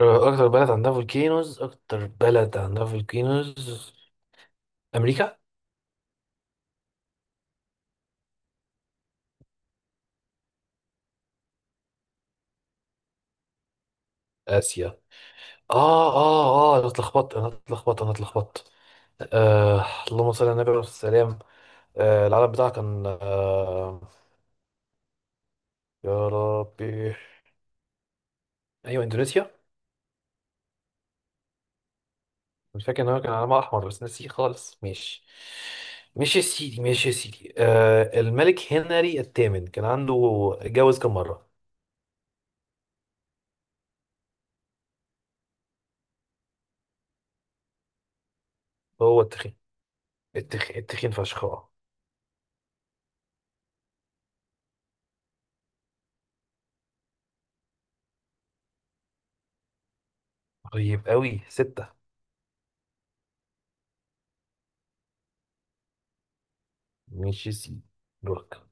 اكتر بلد عندها فولكينوز. امريكا. اسيا. اه انا اتلخبطت. آه اللهم صل على النبي عليه الصلاه والسلام. العلم بتاعها كان يا ربي. ايوه، اندونيسيا. مش فاكر ان هو كان علمها احمر بس نسيه خالص، ماشي. ماشي يا سيدي، ماشي يا سيدي. الملك هنري الثامن كان عنده، اتجوز كم مره؟ هو التخين، التخين فشخ اه. طيب، قوي ستة. ماشي سي. دورك.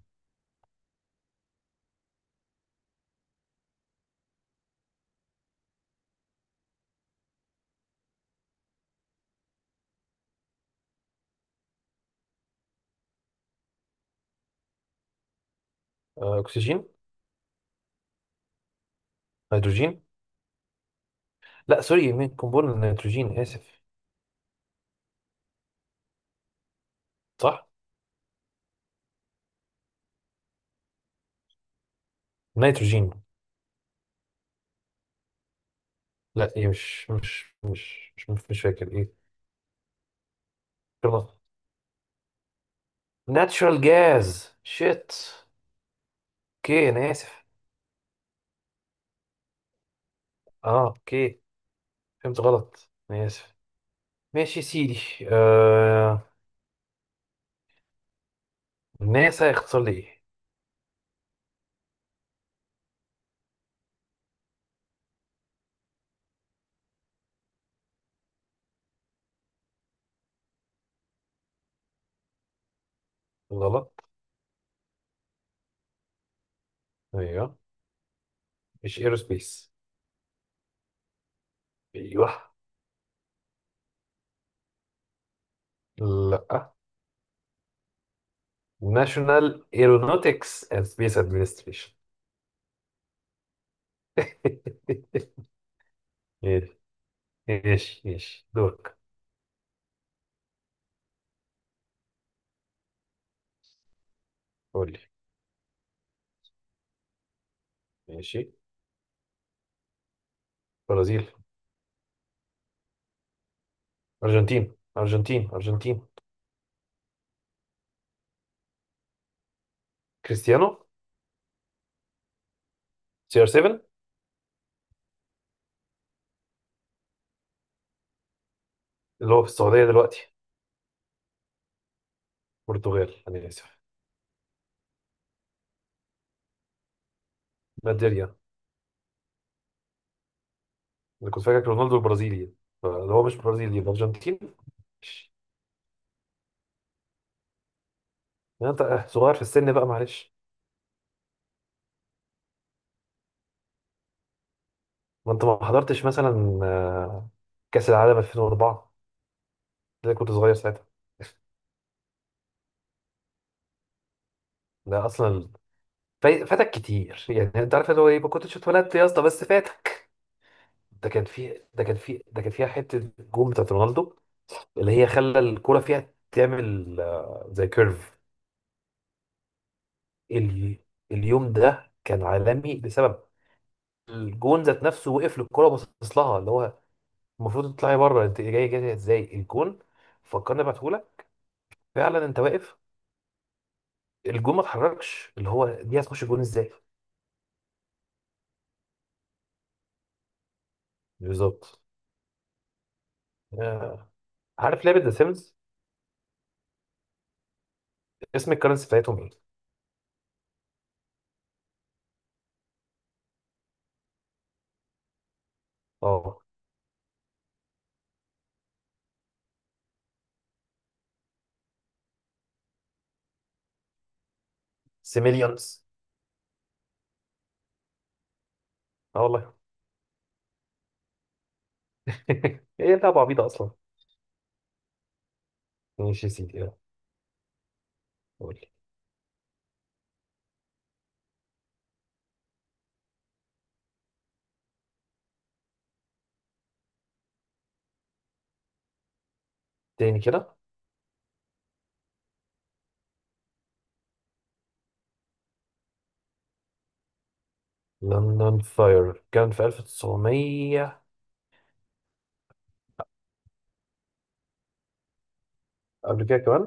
أكسجين. هيدروجين. لا سوري، مين قنبلة نيتروجين آسف. صح. نيتروجين. لا إيه، مش فاكر إيه. ناتشورال جاز شيت. أوكي أنا آسف. أه أوكي. فهمت غلط، أنا آسف. ماشي يا سيدي. آه... ناسا يختصر لي إيه؟ غلط. أيوه. مش إيروسبيس. أيوه. لا. ناشونال ايرونوتكس اند سبيس ادمنستريشن. ايش دورك؟ قول لي. ماشي. برازيل. ارجنتين. ارجنتين. كريستيانو. سي ار 7، اللي هو في السعوديه دلوقتي. برتغال انا اسف. نيجيريا. انا كنت فاكر رونالدو البرازيلي، فاللي هو مش برازيلي الارجنتين. ماشي. يعني انت صغير في السن بقى معلش. ما انت ما حضرتش مثلا كاس العالم 2004، ده كنت صغير ساعتها. ده اصلا، فاتك كتير يعني، انت عارف اللي هو ايه، ما كنتش اتولدت يا اسطى، بس فاتك. ده كان فيها حته جون بتاعت رونالدو اللي هي خلى الكوره فيها تعمل زي كيرف. ال- اليوم ده كان عالمي بسبب الجون ذات نفسه، وقف للكوره وبصص لها اللي هو المفروض تطلعي بره، انت جاي جاي ازاي الجون؟ فكرني ابعتهولك. فعلا انت واقف، الجون ما اتحركش، اللي هو دي هتخش جون ازاي. بالظبط. آه، عارف لعبه ذا سيمز؟ اسم الكرنسي بتاعتهم ايه؟ اه، سيميليونز. اه والله. ايه لعبه عبيطه اصلا. ماشي يا سيدي. قول. تاني كده؟ لندن فاير كان في 1900. قبل كده كمان.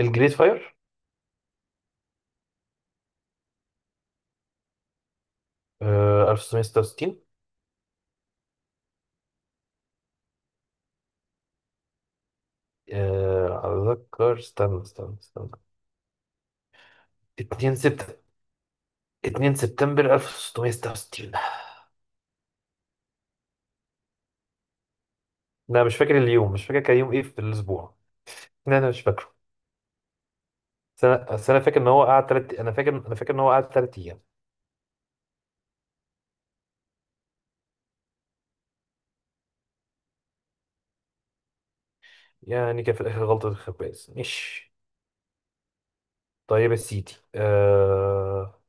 الجريت فاير. 1966. أتذكر، استنى استنى استنى. 2 سبتمبر. 2 سبتمبر 1666. أنا مش فاكر اليوم، مش فاكر كان يوم إيه في الأسبوع. لا أنا مش فاكره. بس أنا فاكر إن هو قعد تلات، أنا فاكر إن هو قعد تلات أيام. يعني كان في الآخر غلطة الخباز مش. طيب يا سيدي،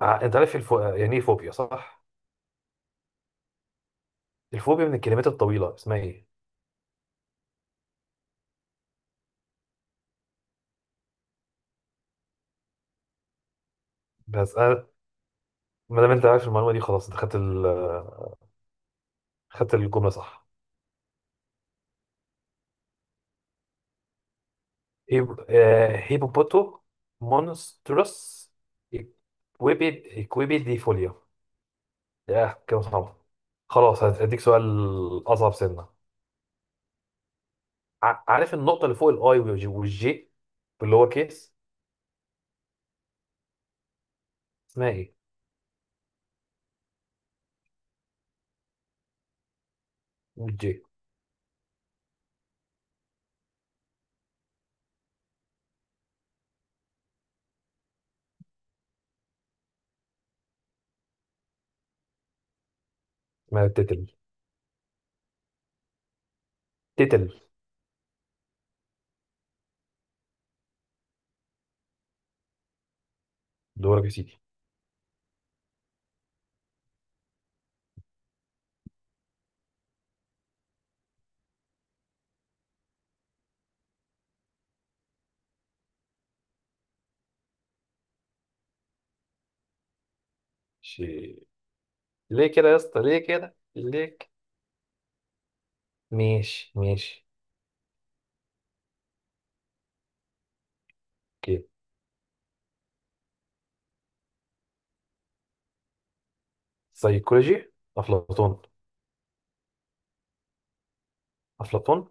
أنت عارف يعني إيه فوبيا صح؟ الفوبيا من الكلمات الطويلة اسمها ايه؟ بس أنا، ما دام انت عارف المعلومة دي خلاص، انت خدت ال خدت الجملة صح. هيبوبوتو مونستروس اكويبي اكويبي دي فوليا. يا كده صعب. خلاص هديك سؤال. أصعب سنة. عارف النقطة اللي فوق الآي والجي، اللي هو كيس، اسمها ايه؟ والجي. اسمها تتل. تتل. دورك يا سيدي. شي. ليه كده يا اسطى؟ ليه كده؟ ليه؟ ماشي ماشي. سيكولوجي افلاطون. افلاطون.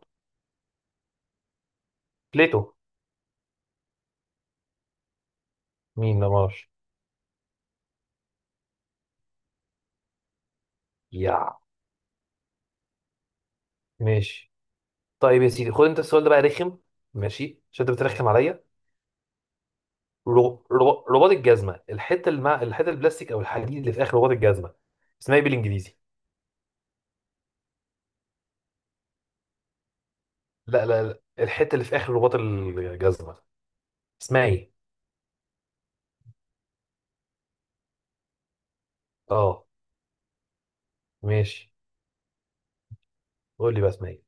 بليتو. مين ما اعرفش. يا. ماشي. طيب يا سيدي، خد انت السؤال ده بقى رخم، ماشي عشان انت بترخم عليا. رباط الجزمه، الحته اللي مع الحته البلاستيك او الحديد اللي في اخر رباط الجزمه، اسمها ايه بالانجليزي؟ لا لا لا، الحته اللي في اخر رباط الجزمه، اسمها ايه؟ اه، ماشي. قول لي بقى اسمها ايه.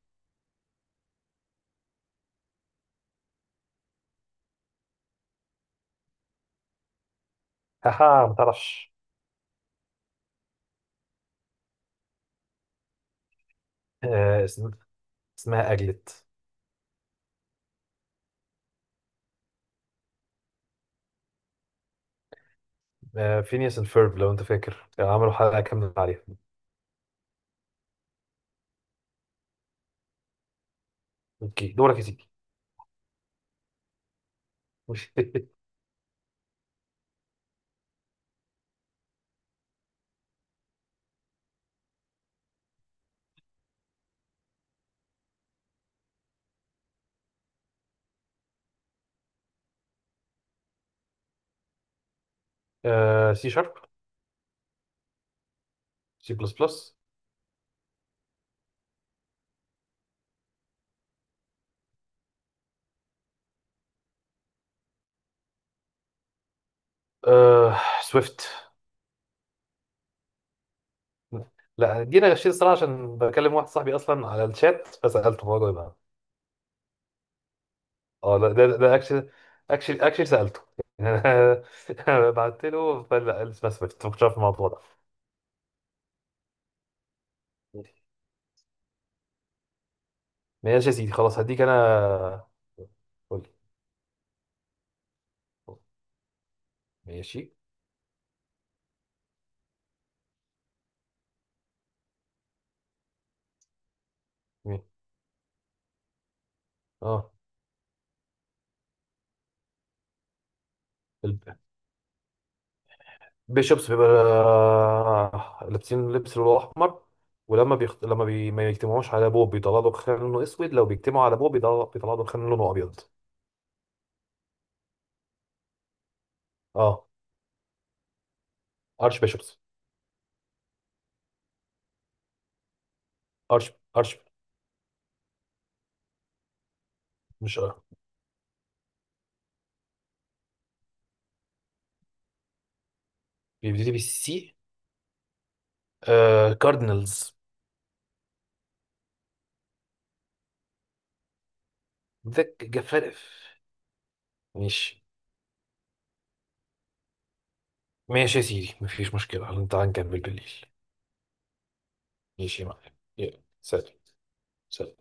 هاها ما تعرفش. آه اسم... اسمها اجلت. آه، فينيس اند فيرب لو انت فاكر كانوا عملوا حلقه كامله عليها. اوكي دورك يا سيدي. سي شارب. سي بلس بلس. سويفت. لا دي انا غشيت الصراحه، عشان بكلم واحد صاحبي اصلا على الشات فسالته، هو جاي بقى. اه لا، ده اكشلي، اكشلي سالته يعني. انا بعت له فقال لا اسمها سويفت، ما كنتش عارف الموضوع ده. ماشي يا سيدي خلاص هديك انا. قول لي. ماشي. اه، بيشوبس بيبقى لابسين لبس لونه احمر. ولما بيخت... لما بي... ما يجتمعوش على ابوه بيطلع له خان لونه اسود، لو بيجتمعوا على ابوه بيطلع له خان لونه ابيض. اه، ارش بيشوبس. ارش. ارش. مش اه، بيبتدي بالسي. كاردينالز. ذك جفارف. ماشي. ماشي يا سيدي مفيش مشكلة، تعال نكمل بالليل. ماشي يا معلم. يلا سلام. سلام.